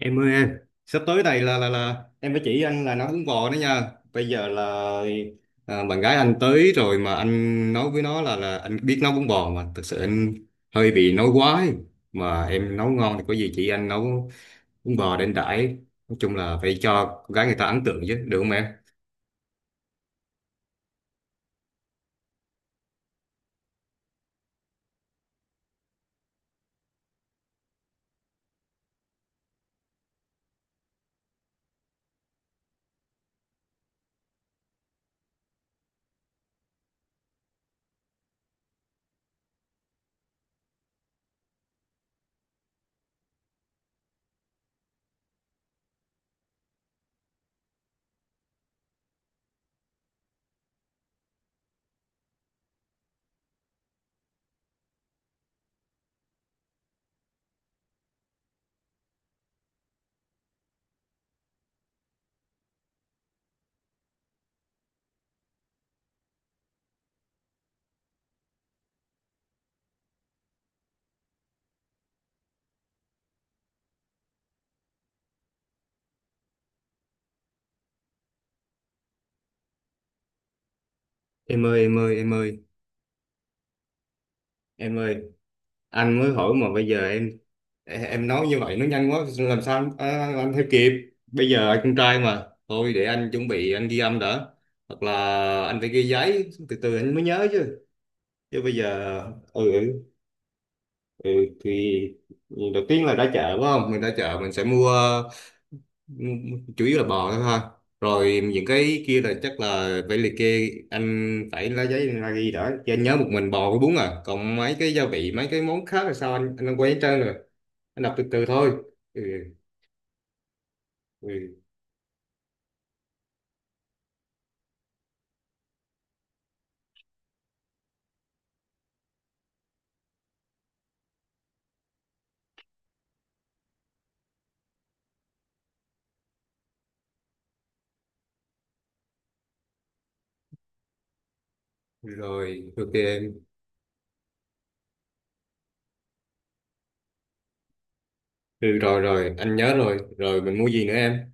Em ơi em, sắp tới này là em phải chỉ anh là nấu bún bò đó nha. Bây giờ là à, Bạn gái anh tới rồi mà anh nói với nó là anh biết nấu bún bò mà thực sự anh hơi bị nói quá ấy. Mà em nấu ngon thì có gì chị anh nấu bún bò để anh đãi. Nói chung là phải cho con gái người ta ấn tượng chứ, được không em? Em ơi em ơi em ơi em ơi, anh mới hỏi mà bây giờ em nói như vậy nó nhanh quá làm sao anh theo kịp. Bây giờ anh con trai mà thôi để anh chuẩn bị anh ghi âm đã, hoặc là anh phải ghi giấy từ từ anh mới nhớ chứ. Chứ bây giờ ừ ừ ừ, thì đầu tiên là ra chợ phải không, mình ra chợ mình sẽ mua chủ yếu là bò thôi ha. Rồi những cái kia là chắc là phải liệt kê, anh phải lấy giấy ra ghi đã chứ, anh nhớ một mình bò với bún à, còn mấy cái gia vị mấy cái món khác là sao, anh quay hết trơn rồi. Anh đọc từ từ thôi. ừ. ừ. Ừ, rồi, ok em. Ừ, rồi, rồi, anh nhớ rồi. Rồi, mình mua gì nữa em?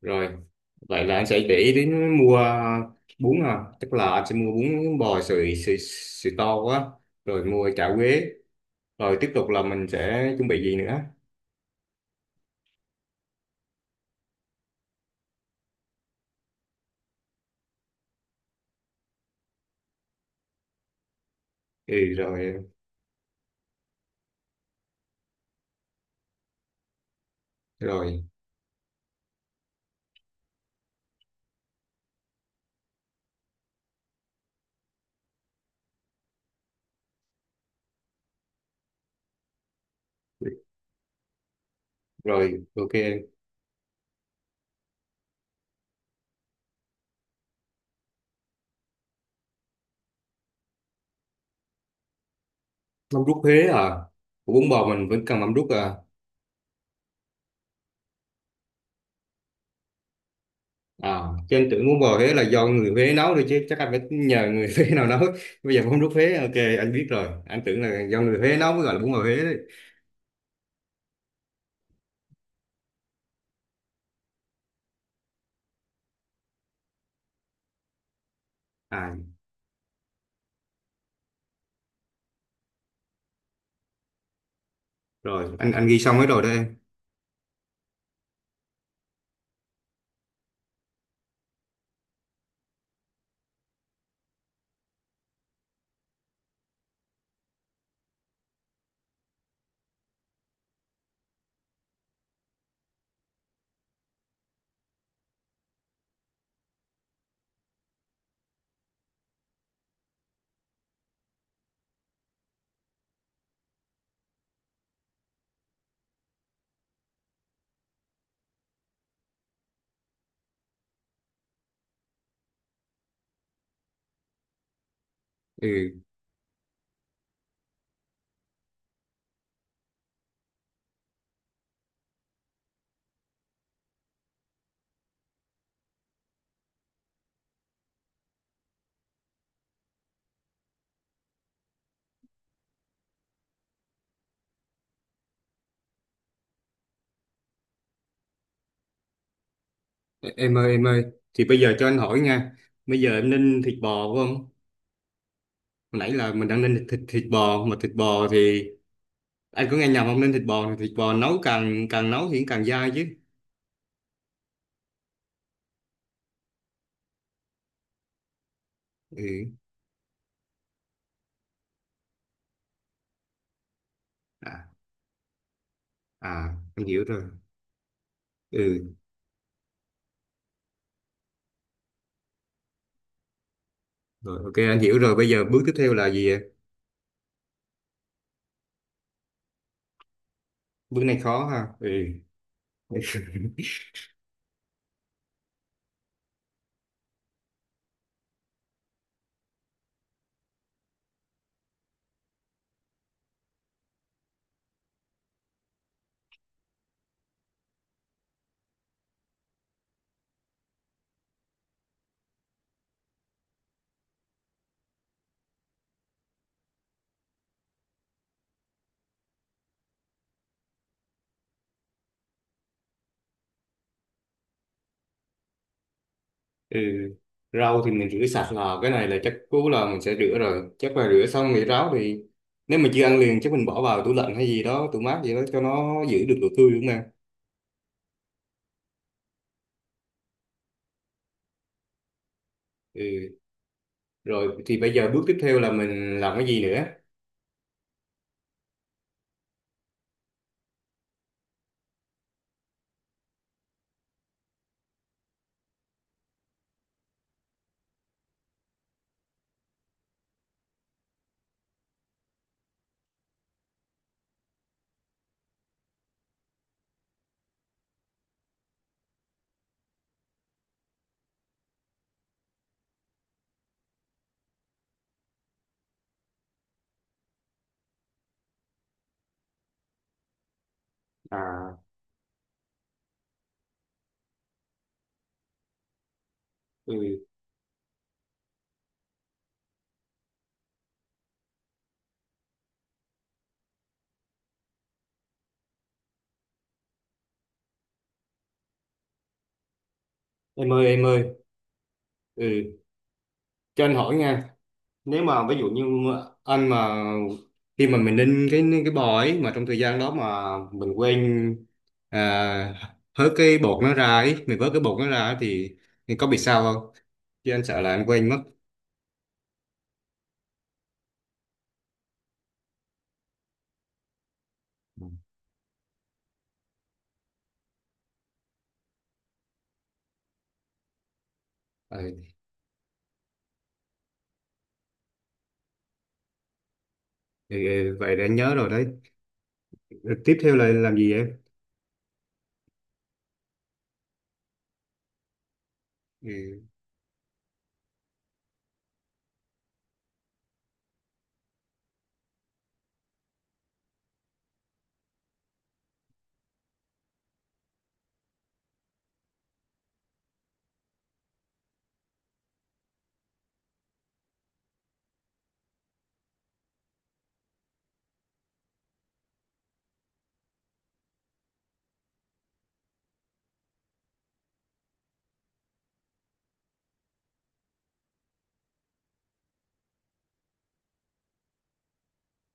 Rồi, vậy là anh sẽ để ý đến mua bún à. Tức là anh sẽ mua bún bò sợi to quá. Rồi mua chả quế. Rồi tiếp tục là mình sẽ chuẩn bị gì nữa? Ừ, rồi, rồi, ok em. Mắm rút Huế à. Của bún bò mình vẫn cần mắm rút à. À, cho anh tưởng muốn bò Huế là do người Huế nấu thôi, chứ chắc anh phải nhờ người Huế nào nấu. Bây giờ không rút Huế, ok, anh biết rồi, anh tưởng là do người Huế nấu mới gọi là bún bò Huế đấy. à rồi, anh ghi xong hết rồi đó em. Ừ e, em ơi em ơi thì bây giờ cho anh hỏi nha, bây giờ em ninh thịt bò phải không? Hồi nãy là mình đang ninh thịt thịt bò, mà thịt bò thì anh có nghe nhầm không, ninh thịt bò thì thịt bò nấu càng càng nấu thì càng dai chứ. Ừ, à, à, anh hiểu rồi. Ừ, rồi, ok anh hiểu rồi, bây giờ bước tiếp theo là gì ạ? Bước này khó ha. Ừ. Ừ. Rau thì mình rửa sạch, là cái này là chắc cú là mình sẽ rửa, rồi chắc là rửa xong thì ráo, thì nếu mà chưa ăn liền chắc mình bỏ vào tủ lạnh hay gì đó, tủ mát gì đó cho nó giữ được độ tươi, đúng không em? Ừ. Rồi thì bây giờ bước tiếp theo là mình làm cái gì nữa? à ừ. Em ơi, ừ, cho anh hỏi nha, nếu mà ví dụ như anh mà khi mà mình ninh cái bò ấy mà trong thời gian đó mà mình quên à, hớt cái bột nó ra ấy, mình vớt cái bột nó ra ấy, thì có bị sao không, chứ anh sợ là anh quên mất. Ừ. Ừ, ừ, vậy để anh nhớ rồi đấy. Ừ, tiếp theo là làm gì em? ừ.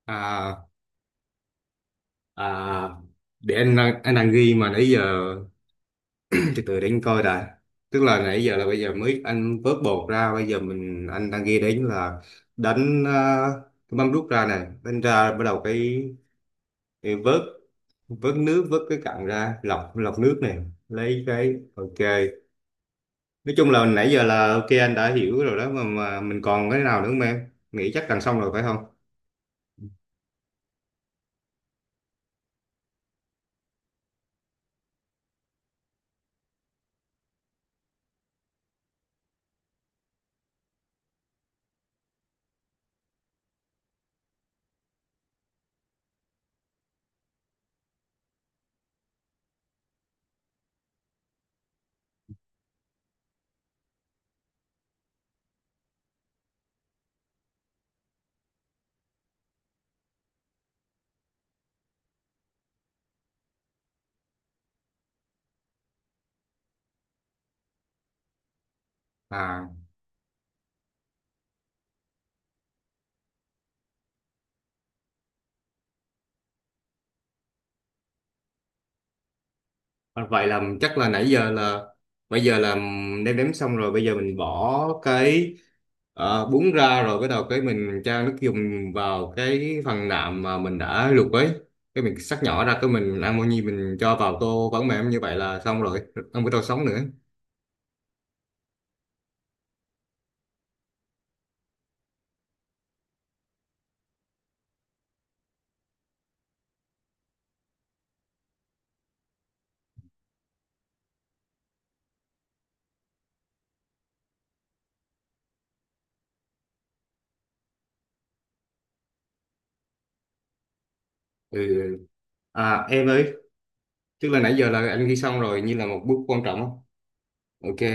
à à để anh đang ghi mà nãy giờ, từ từ để anh coi đã. Tức là nãy giờ là bây giờ mới anh vớt bột ra, bây giờ anh đang ghi đến là đánh cái mâm đút ra này đánh ra, bắt đầu cái vớt vớt nước, vớt cái cặn ra, lọc lọc nước này lấy cái, ok. Nói chung là nãy giờ là ok, anh đã hiểu rồi đó, mà mình còn cái nào nữa không, em nghĩ chắc gần xong rồi phải không? À. À, vậy là chắc là nãy giờ là bây giờ là nêm nếm xong rồi, bây giờ mình bỏ cái bún ra rồi bắt đầu cái mình cho nước dùng vào cái phần nạm mà mình đã luộc ấy, cái mình xắt nhỏ ra, cái mình ăn bao nhiêu mình cho vào tô vẫn mềm, như vậy là xong rồi, không có tô sống nữa. Ừ. À em ơi, tức là nãy giờ là anh ghi xong rồi như là một bước quan trọng không. Ok.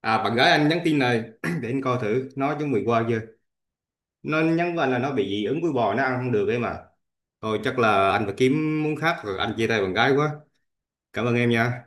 À bạn gái anh nhắn tin này để anh coi thử nó chuẩn bị qua chưa. Nó nhắn với anh là nó bị dị ứng với bò, nó ăn không được ấy mà. Thôi chắc là anh phải kiếm món khác rồi, anh chia tay bạn gái quá. Cảm ơn em nha.